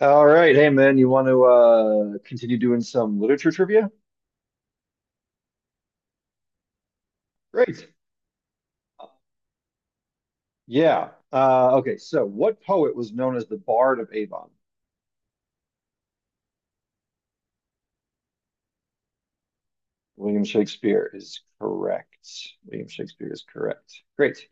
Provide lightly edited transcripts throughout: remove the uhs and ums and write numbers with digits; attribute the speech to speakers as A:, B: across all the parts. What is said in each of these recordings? A: All right. Hey, man, you want to continue doing some literature trivia? Great. Yeah. What poet was known as the Bard of Avon? William Shakespeare is correct. William Shakespeare is correct. Great.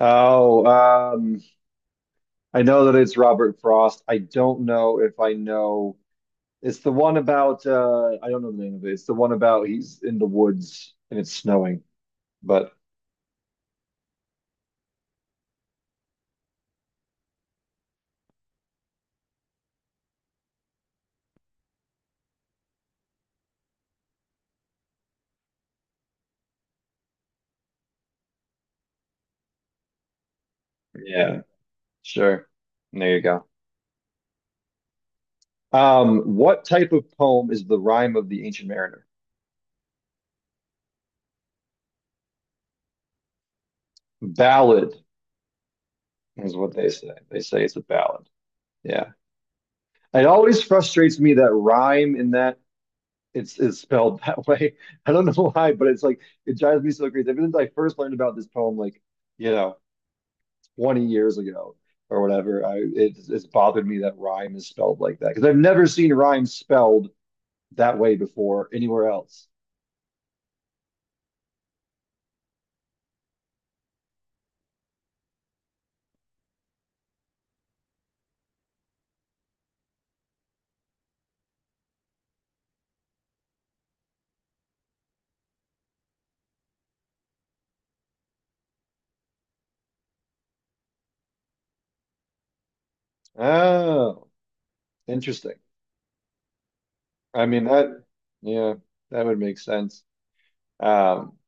A: Oh, um, I know that it's Robert Frost. I don't know if I know. It's the one about, I don't know the name of it. It's the one about he's in the woods and it's snowing. But yeah, sure. There you go. What type of poem is the rhyme of the Ancient Mariner? Ballad is what they say. They say it's a ballad. Yeah. It always frustrates me that rhyme in that it's is spelled that way. I don't know why, but it's like it drives me so crazy. Ever since I first learned about this poem, you know, 20 years ago or whatever, it's bothered me that rhyme is spelled like that because I've never seen rhyme spelled that way before anywhere else. Oh, interesting. I mean that, yeah, that would make sense. Um,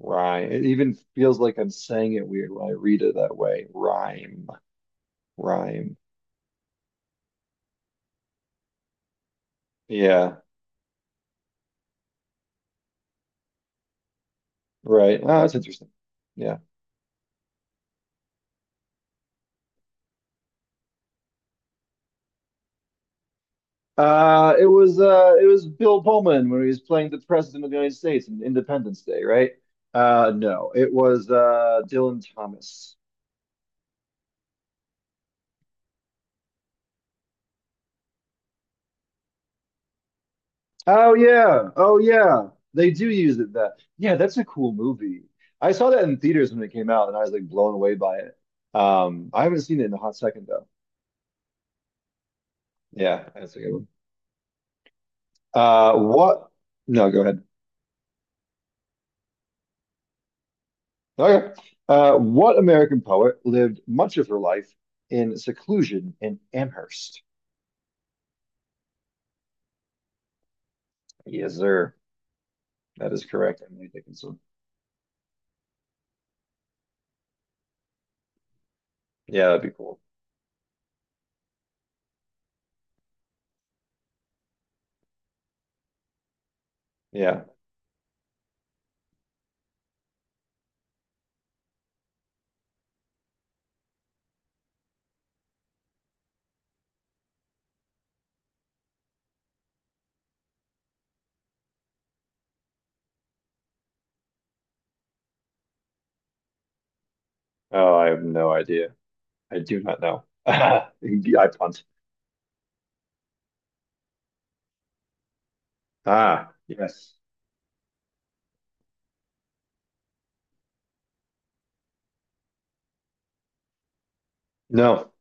A: rhyme. It even feels like I'm saying it weird when I read it that way. Rhyme, rhyme. Yeah, right. Oh, that's interesting. Yeah. It was Bill Pullman when he was playing the President of the United States in Independence Day, right? No, it was Dylan Thomas. Oh yeah. Oh yeah. They do use it that. Yeah, that's a cool movie. I saw that in theaters when it came out and I was like blown away by it. I haven't seen it in a hot second though. Yeah, that's a good one. What? No, go ahead. Okay. What American poet lived much of her life in seclusion in Amherst? Yes, sir. That is correct. Emily Dickinson. Yeah, that'd be cool. Yeah. Oh, I have no idea. I do not know. I punt. Ah, yes. No.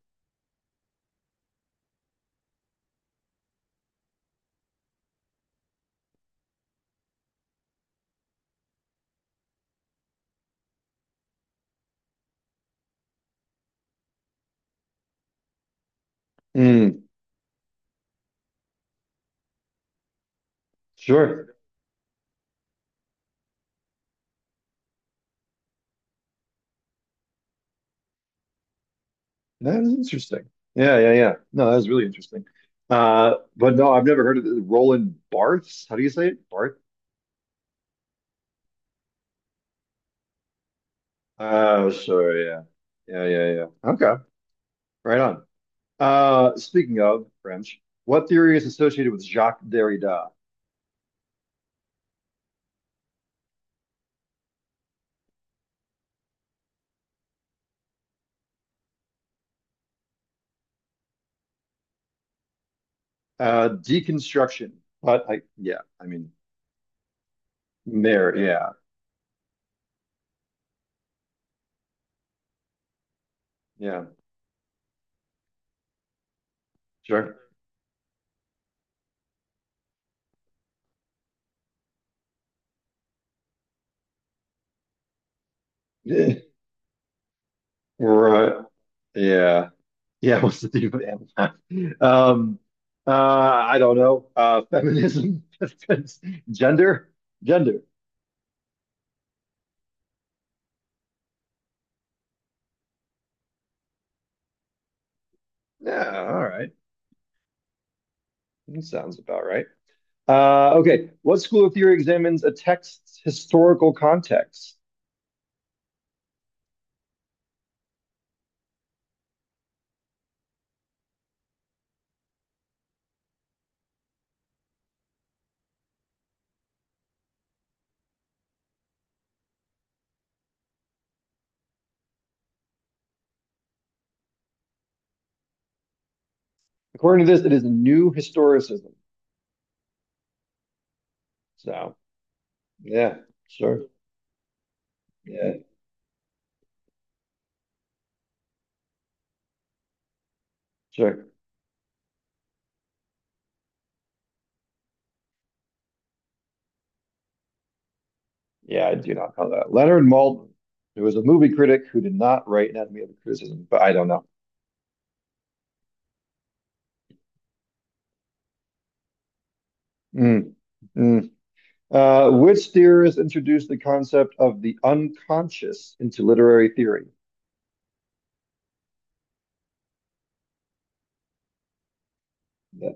A: Mm, sure. That is interesting. Yeah. No, that is really interesting. But no, I've never heard of it. Roland Barthes. How do you say it? Barth? Oh, sure. Yeah. Yeah. Okay. Right on. Speaking of French, what theory is associated with Jacques Derrida? Deconstruction. But I, yeah, I mean, there. Yeah. Yeah. Sure. Right. Yeah. Yeah, what's the deal with Amazon? I don't know. Feminism, gender, gender. Yeah, all right. That sounds about right. Okay. What school of theory examines a text's historical context? According to this, it is new historicism. So, yeah, sure. Yeah, sure. Yeah, I do not know that. Leonard Maltin, who was a movie critic who did not write Anatomy of a Criticism, but I don't know. Mm, mm. Which theorist introduced the concept of the unconscious into literary theory? Yeah,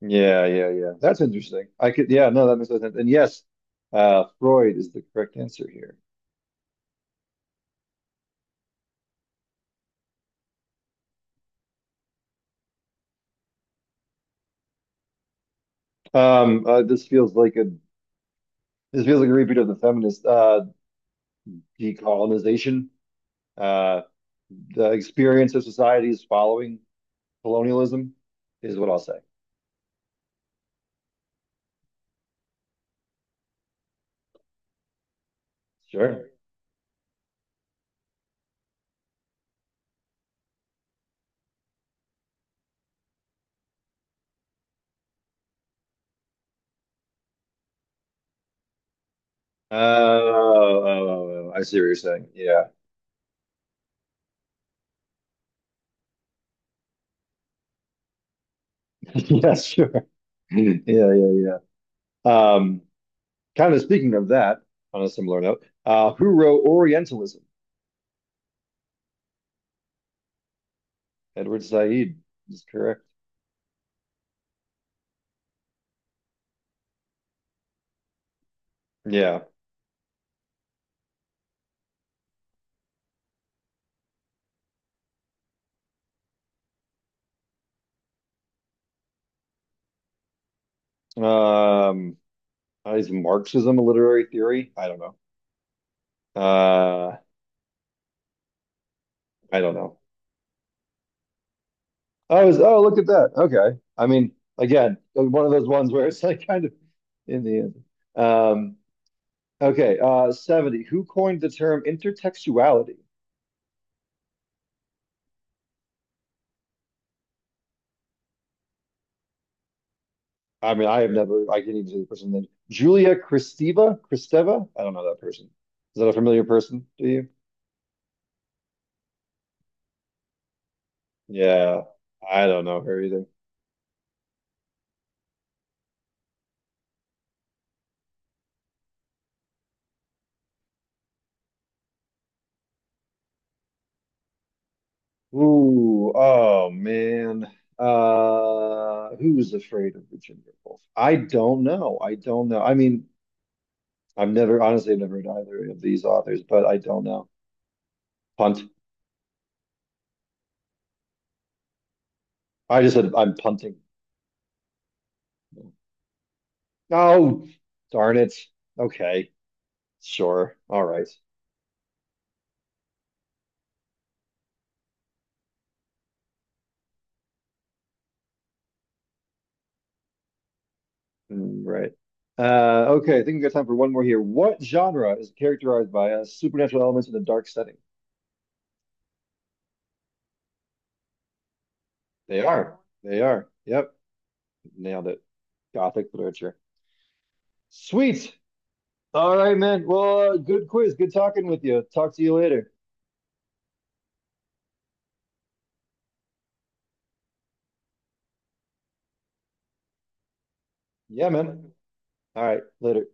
A: yeah. That's interesting. No, that makes sense. And yes, Freud is the correct answer here. Um, uh, this feels like a this feels like a repeat of the feminist decolonization. Uh, the experience of societies following colonialism is what I'll say. Sure. Oh, I see what you're saying. Yeah. Yeah, sure. Yeah, yeah, yeah. Um, Kind of speaking of that, on a similar note, who wrote Orientalism? Edward Said is correct. Yeah. Um, is Marxism a literary theory? I don't know. Uh, I don't know. Oh, look at that. Okay. I mean, again, one of those ones where it's like kind of in the end. Um, okay. 70. Who coined the term intertextuality? I mean, I have never, I can't even say the person's name. Julia Kristeva? Kristeva? I don't know that person. Is that a familiar person to you? Yeah, I don't know her either. Ooh, oh man. Who's afraid of Virginia Woolf? I don't know. I don't know. I've never read either of these authors, but I don't know. Punt. I just said I'm punting. Oh, darn it. Okay. Sure. All right. Mm, right. Okay, I think we've got time for one more here. What genre is characterized by supernatural elements in a dark setting? They are. They are. Yep. Nailed it. Gothic literature. Sweet. All right, man. Well, good quiz. Good talking with you. Talk to you later. Yeah, man. All right. Later.